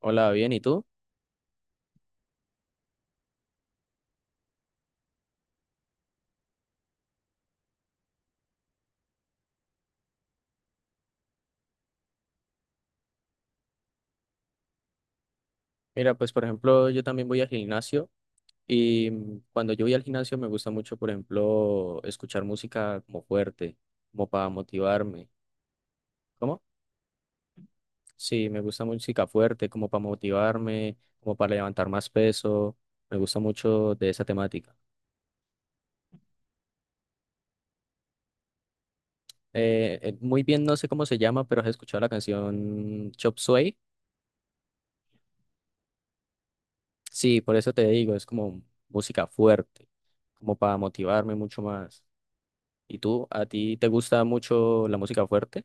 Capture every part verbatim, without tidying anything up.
Hola, bien, ¿y tú? Mira, pues por ejemplo, yo también voy al gimnasio y mm, cuando yo voy al gimnasio me gusta mucho, por ejemplo, escuchar música como fuerte, como para motivarme. ¿Cómo? Sí, me gusta música fuerte, como para motivarme, como para levantar más peso. Me gusta mucho de esa temática. Eh, eh, muy bien, no sé cómo se llama, pero has escuchado la canción Chop Suey. Sí, por eso te digo, es como música fuerte, como para motivarme mucho más. ¿Y tú? ¿A ti te gusta mucho la música fuerte?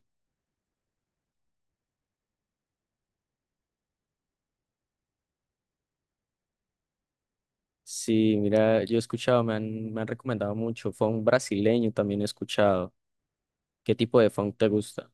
Sí, mira, yo he escuchado, me han, me han recomendado mucho funk brasileño, también he escuchado. ¿Qué tipo de funk te gusta?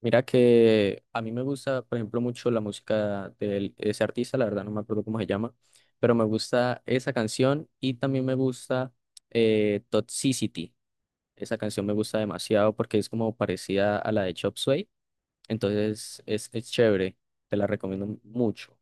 Mira que a mí me gusta, por ejemplo, mucho la música de ese artista, la verdad no me acuerdo cómo se llama, pero me gusta esa canción y también me gusta eh, Toxicity. Esa canción me gusta demasiado porque es como parecida a la de Chop Suey, entonces es, es chévere, te la recomiendo mucho.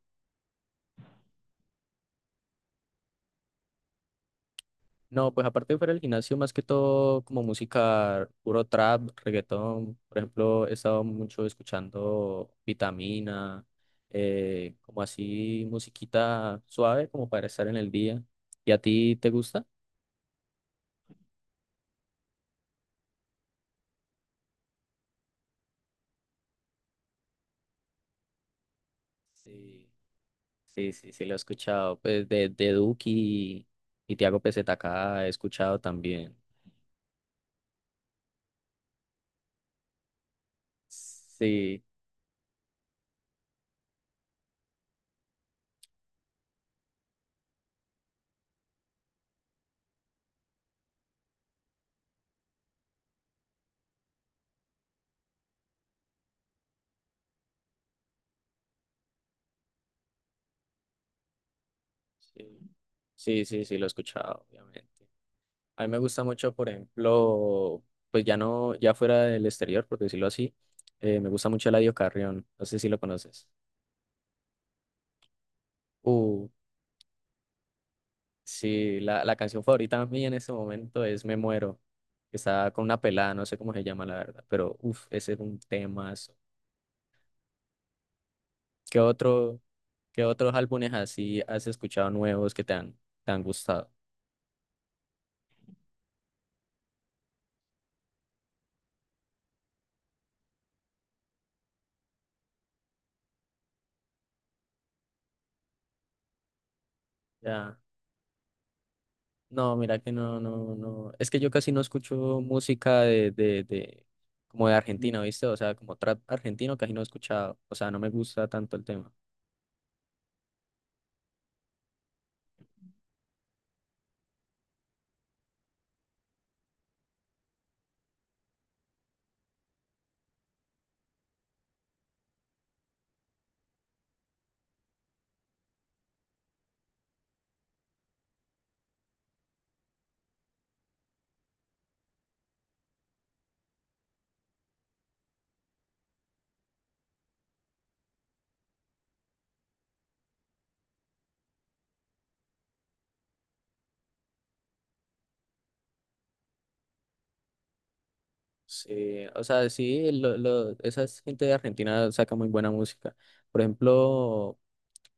No, pues aparte de fuera del gimnasio, más que todo como música, puro trap, reggaetón. Por ejemplo, he estado mucho escuchando Vitamina, eh, como así musiquita suave, como para estar en el día. ¿Y a ti te gusta? Sí, sí, sí, sí, lo he escuchado. Pues de, de Duki y Tiago P Z K he escuchado también. Sí, sí, sí, sí, sí, lo he escuchado, obviamente. A mí me gusta mucho, por ejemplo, pues ya no, ya fuera del exterior, por decirlo así, eh, me gusta mucho Eladio Carrión, no sé si lo conoces. Uh, sí, la, la canción favorita mía en este momento es Me Muero, que está con una pelada, no sé cómo se llama la verdad, pero uff, ese es un tema. ¿Qué otro, ¿Qué otros álbumes así has escuchado nuevos que te han, te han gustado? Ya. No, mira que no, no, no. Es que yo casi no escucho música de, de, de, como de Argentina, ¿viste? O sea, como trap argentino casi no he escuchado. O sea, no me gusta tanto el tema. Sí, o sea, sí, lo, lo- esa es gente de Argentina saca muy buena música. Por ejemplo,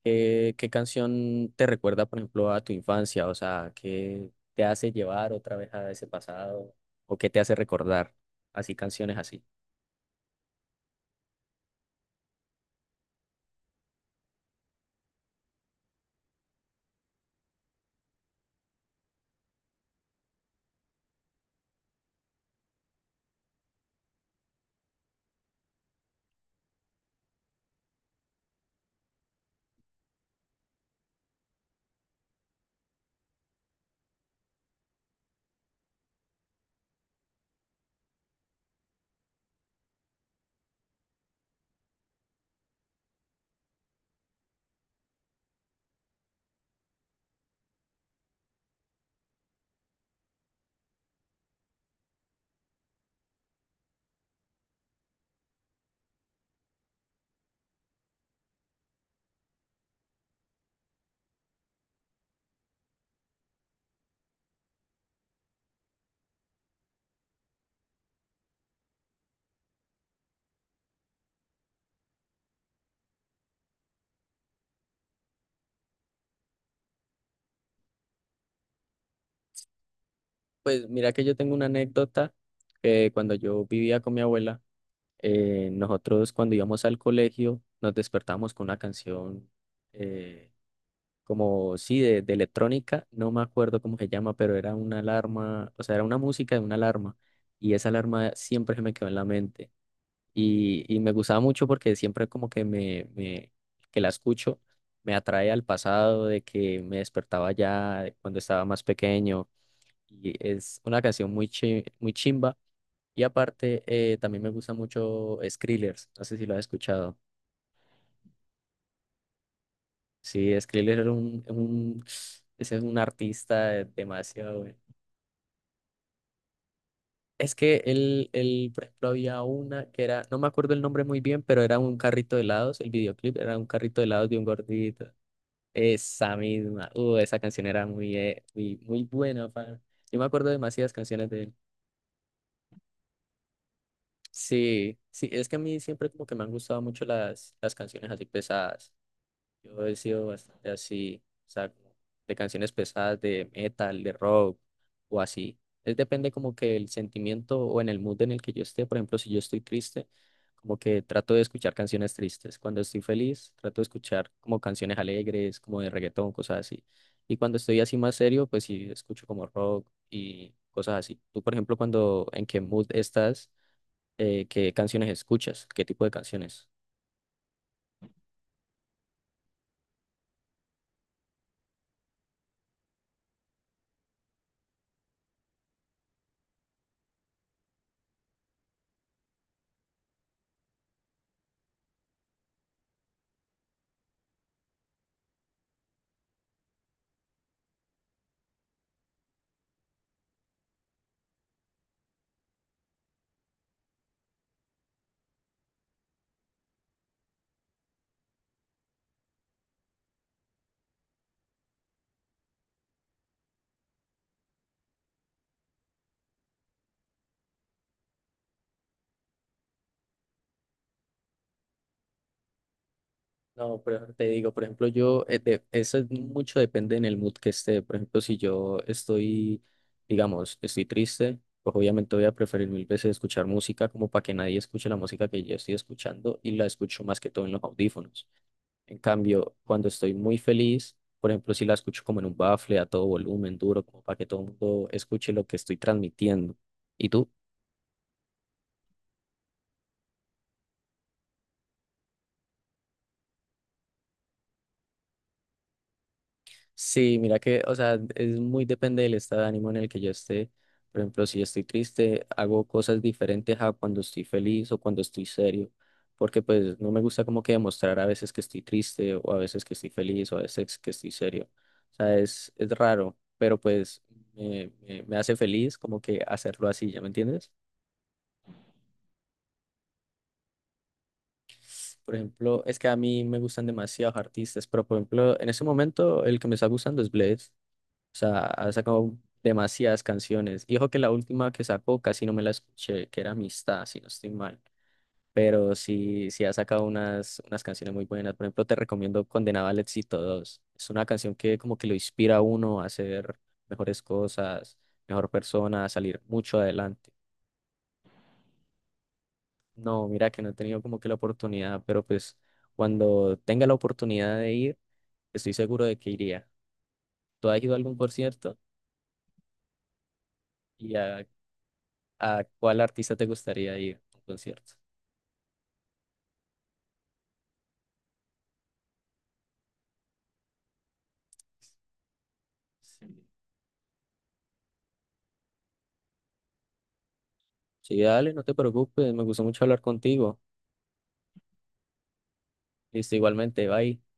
¿qué, ¿qué canción te recuerda, por ejemplo, a tu infancia? O sea, ¿qué te hace llevar otra vez a ese pasado? ¿O qué te hace recordar? Así, canciones así. Pues mira que yo tengo una anécdota que cuando yo vivía con mi abuela, eh, nosotros cuando íbamos al colegio nos despertábamos con una canción eh, como, sí, de, de electrónica, no me acuerdo cómo se llama, pero era una alarma, o sea, era una música de una alarma y esa alarma siempre se me quedó en la mente y, y me gustaba mucho porque siempre como que me, me- que la escucho me atrae al pasado de que me despertaba ya cuando estaba más pequeño y es una canción muy, chi- muy chimba y aparte, eh, también me gusta mucho Skrillex, no sé si lo has escuchado. Sí, Skrillex era un, un- ese es un artista eh, demasiado bueno. Es que él, él, por ejemplo, había una que era, no me acuerdo el nombre muy bien, pero era un carrito de helados, el videoclip era un carrito de helados de un gordito. Esa misma, uh, esa canción era muy, eh, muy, muy buena, pa. Yo me acuerdo de demasiadas canciones de él. Sí, sí, es que a mí siempre como que me han gustado mucho las, las canciones así pesadas. Yo he sido bastante así, o sea, como de canciones pesadas, de metal, de rock o así. Es depende como que el sentimiento o en el mood en el que yo esté. Por ejemplo, si yo estoy triste, como que trato de escuchar canciones tristes. Cuando estoy feliz, trato de escuchar como canciones alegres, como de reggaetón, cosas así. Y cuando estoy así más serio, pues sí, escucho como rock y cosas así. Tú, por ejemplo, cuando en qué mood estás, eh, ¿qué canciones escuchas? ¿Qué tipo de canciones? No, pero te digo, por ejemplo, yo, eh, de- eso es mucho depende en el mood que esté. Por ejemplo, si yo estoy, digamos, estoy triste, pues obviamente voy a preferir mil veces escuchar música como para que nadie escuche la música que yo estoy escuchando y la escucho más que todo en los audífonos. En cambio, cuando estoy muy feliz, por ejemplo, si la escucho como en un bafle, a todo volumen, duro, como para que todo el mundo escuche lo que estoy transmitiendo. ¿Y tú? Sí, mira que, o sea, es muy depende del estado de ánimo en el que yo esté. Por ejemplo, si estoy triste, hago cosas diferentes a cuando estoy feliz o cuando estoy serio, porque pues no me gusta como que demostrar a veces que estoy triste o a veces que estoy feliz o a veces que estoy serio. O sea, es, es raro, pero pues me, me, me hace feliz como que hacerlo así, ¿ya me entiendes? Por ejemplo, es que a mí me gustan demasiados artistas, pero por ejemplo, en ese momento el que me está gustando es Bless. O sea, ha sacado demasiadas canciones. Y ojo que la última que sacó casi no me la escuché, que era Amistad, si no estoy mal. Pero sí, sí ha sacado unas, unas canciones muy buenas. Por ejemplo, te recomiendo Condenado al Éxito dos. Es una canción que como que lo inspira a uno a hacer mejores cosas, mejor persona, a salir mucho adelante. No, mira que no he tenido como que la oportunidad, pero pues cuando tenga la oportunidad de ir, estoy seguro de que iría. ¿Tú has ido a algún concierto? Y, ¿a cuál artista te gustaría ir a un concierto? Sí. Sí, dale, no te preocupes, me gustó mucho hablar contigo. Listo, igualmente, bye.